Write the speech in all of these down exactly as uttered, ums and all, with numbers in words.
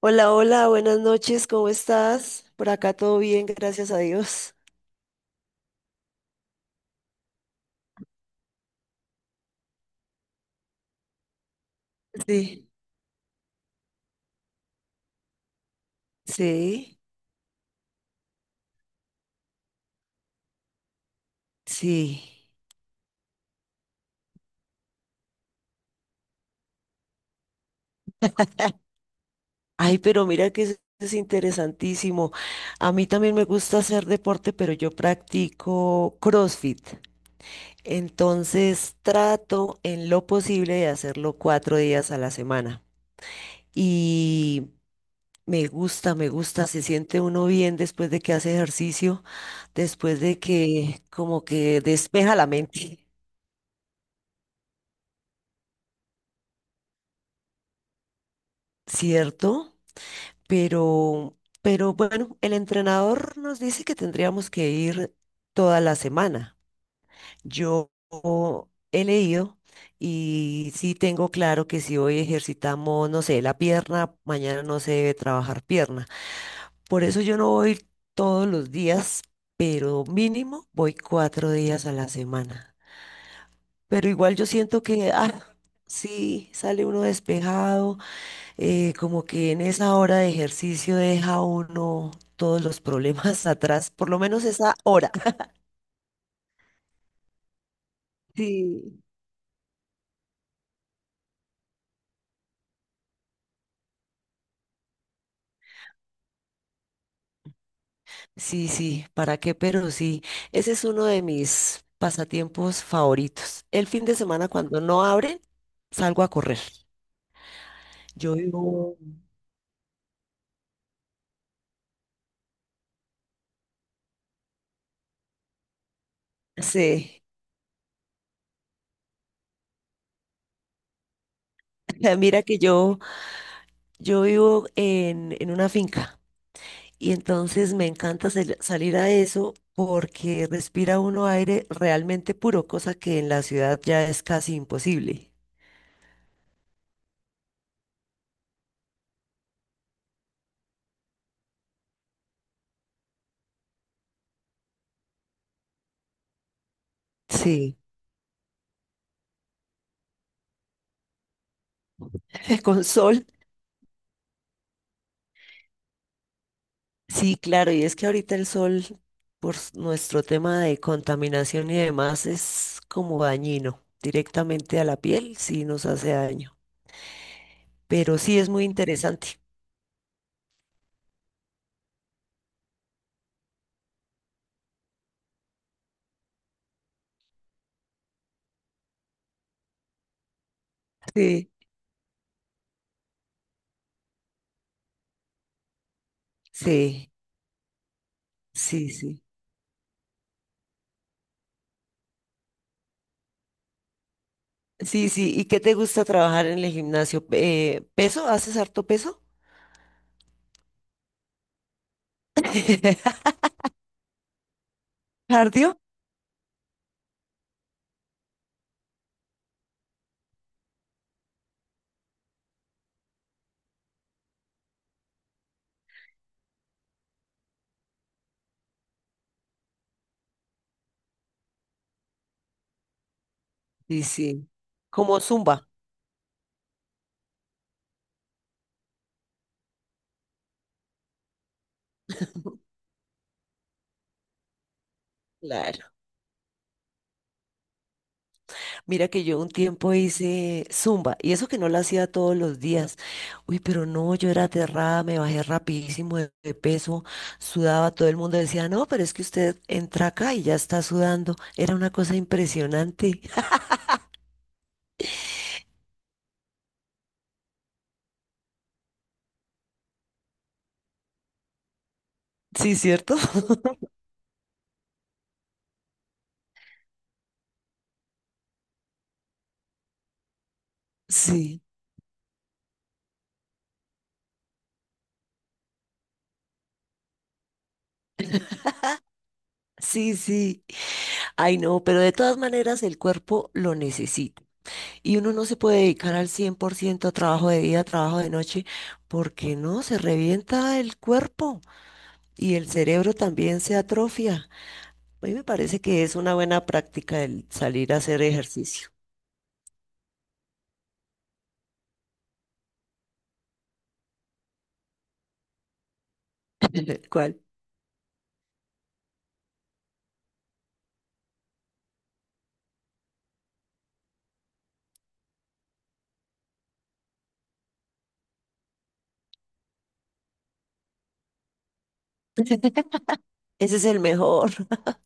Hola, hola, buenas noches, ¿cómo estás? Por acá todo bien, gracias a Dios. Sí, sí, sí. Ay, pero mira que es, es interesantísimo. A mí también me gusta hacer deporte, pero yo practico CrossFit. Entonces trato en lo posible de hacerlo cuatro días a la semana. Y me gusta, me gusta, se siente uno bien después de que hace ejercicio, después de que como que despeja la mente. Cierto, pero, pero bueno, el entrenador nos dice que tendríamos que ir toda la semana. Yo he leído y sí tengo claro que si hoy ejercitamos, no sé, la pierna, mañana no se debe trabajar pierna. Por eso yo no voy todos los días, pero mínimo voy cuatro días a la semana. Pero igual yo siento que, ah, sí, sale uno despejado, eh, como que en esa hora de ejercicio deja uno todos los problemas atrás, por lo menos esa hora. Sí. Sí, sí, ¿para qué? Pero sí, ese es uno de mis pasatiempos favoritos. El fin de semana cuando no abren, salgo a correr. Yo vivo, sí. mira que yo, yo vivo en, en una finca. Y entonces me encanta sal- salir a eso porque respira uno aire realmente puro, cosa que en la ciudad ya es casi imposible. Sí, con sol. Sí, claro, y es que ahorita el sol, por s- nuestro tema de contaminación y demás, es como dañino directamente a la piel, sí nos hace daño. Pero sí es muy interesante. Sí, sí, sí, sí. Sí, sí. ¿Y qué te gusta trabajar en el gimnasio? Eh, ¿peso? ¿Haces harto peso? ¿Cardio? Sí, sí. Como zumba. Claro. Mira que yo un tiempo hice zumba y eso que no lo hacía todos los días. Uy, pero no, yo era aterrada, me bajé rapidísimo de, de peso, sudaba, todo el mundo decía, no, pero es que usted entra acá y ya está sudando. Era una cosa impresionante. Sí, ¿cierto? Sí, sí, sí. Ay, no, pero de todas maneras el cuerpo lo necesita. Y uno no se puede dedicar al cien por ciento a trabajo de día, a trabajo de noche, porque no, se revienta el cuerpo y el cerebro también se atrofia. A mí me parece que es una buena práctica el salir a hacer ejercicio. ¿Cuál? Ese es el mejor.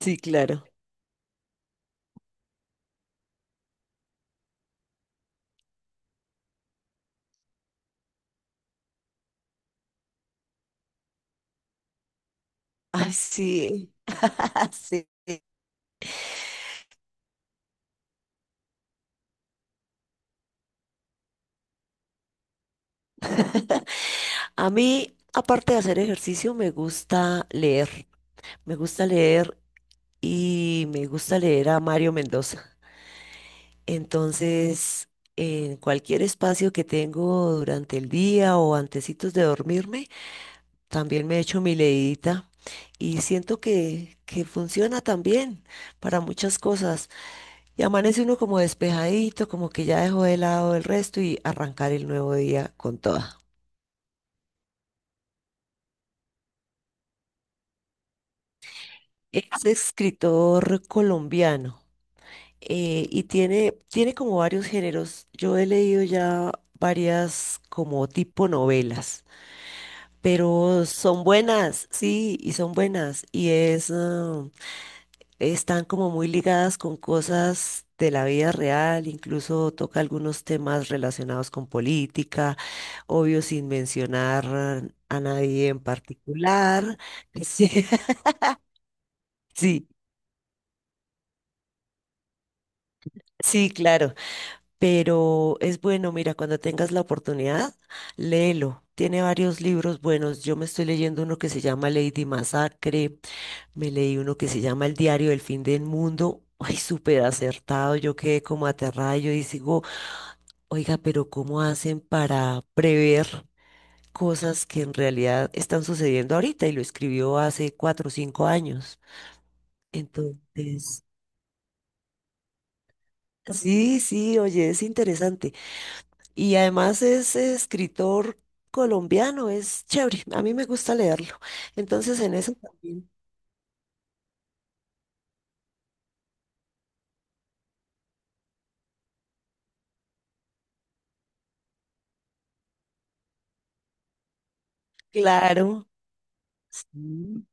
Sí, claro. Ay, sí. Sí. A mí, aparte de hacer ejercicio, me gusta leer. Me gusta leer y me gusta leer a Mario Mendoza. Entonces, en cualquier espacio que tengo durante el día o antecitos de dormirme, también me echo mi leidita y siento que, que funciona también para muchas cosas. Y amanece uno como despejadito, como que ya dejó de lado el resto y arrancar el nuevo día con toda. Es escritor colombiano, eh, y tiene, tiene como varios géneros. Yo he leído ya varias como tipo novelas. Pero son buenas, sí, y son buenas, y es, ah, están como muy ligadas con cosas de la vida real, incluso toca algunos temas relacionados con política, obvio sin mencionar a nadie en particular. Sí, sí, sí, claro. Pero es bueno, mira, cuando tengas la oportunidad, léelo. Tiene varios libros buenos. Yo me estoy leyendo uno que se llama Lady Masacre. Me leí uno que se llama El diario del fin del mundo. Ay, súper acertado. Yo quedé como aterrada. Yo digo, oiga, pero ¿cómo hacen para prever cosas que en realidad están sucediendo ahorita? Y lo escribió hace cuatro o cinco años. Entonces, sí, sí, oye, es interesante. Y además es escritor colombiano, es chévere. A mí me gusta leerlo. Entonces, en eso también, claro. Sí,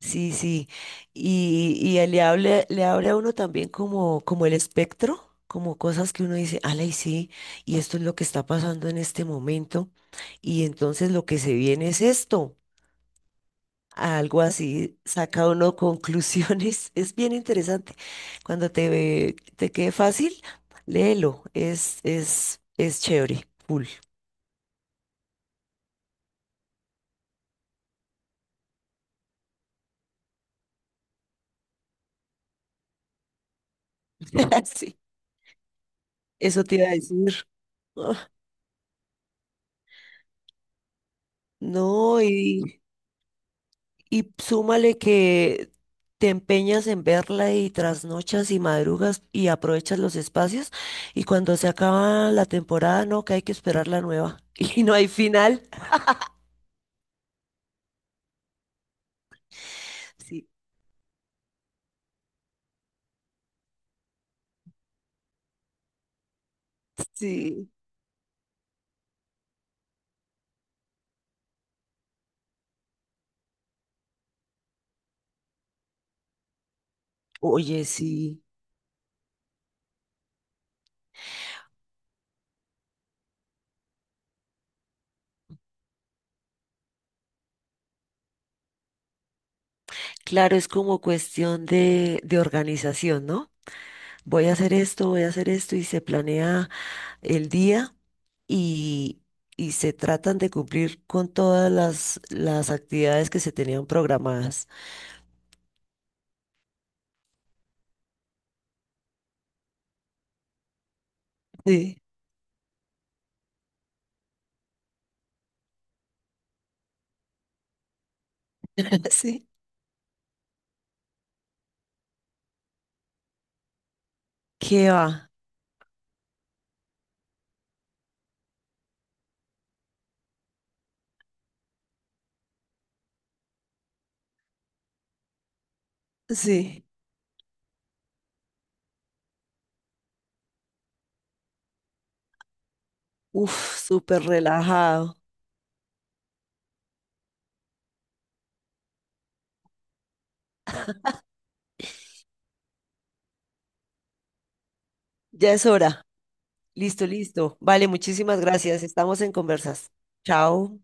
sí, sí. Y, y él le hable- le abre a uno también como, como el espectro, como cosas que uno dice, ala, y sí, y esto es lo que está pasando en este momento. Y entonces lo que se viene es esto. Algo así, saca uno conclusiones. Es bien interesante. Cuando te ve- te quede fácil, léelo. Es, es, es chévere, full. Sí, eso te iba a decir. Ah, no, y, y súmale que te empeñas en verla y trasnochas y madrugas y aprovechas los espacios. Y cuando se acaba la temporada, no, que hay que esperar la nueva. Y no hay final. Sí, sí. Oye, sí. Claro, es como cuestión de, de organización, ¿no? Voy a hacer esto, voy a hacer esto y se planea el día y, y se tratan de cumplir con todas las, las actividades que se tenían programadas. Sí, sí. ¿Qué va? Sí, uf, súper relajado. Ya es hora. Listo, listo. Vale, muchísimas gracias. Estamos en conversas. Chao.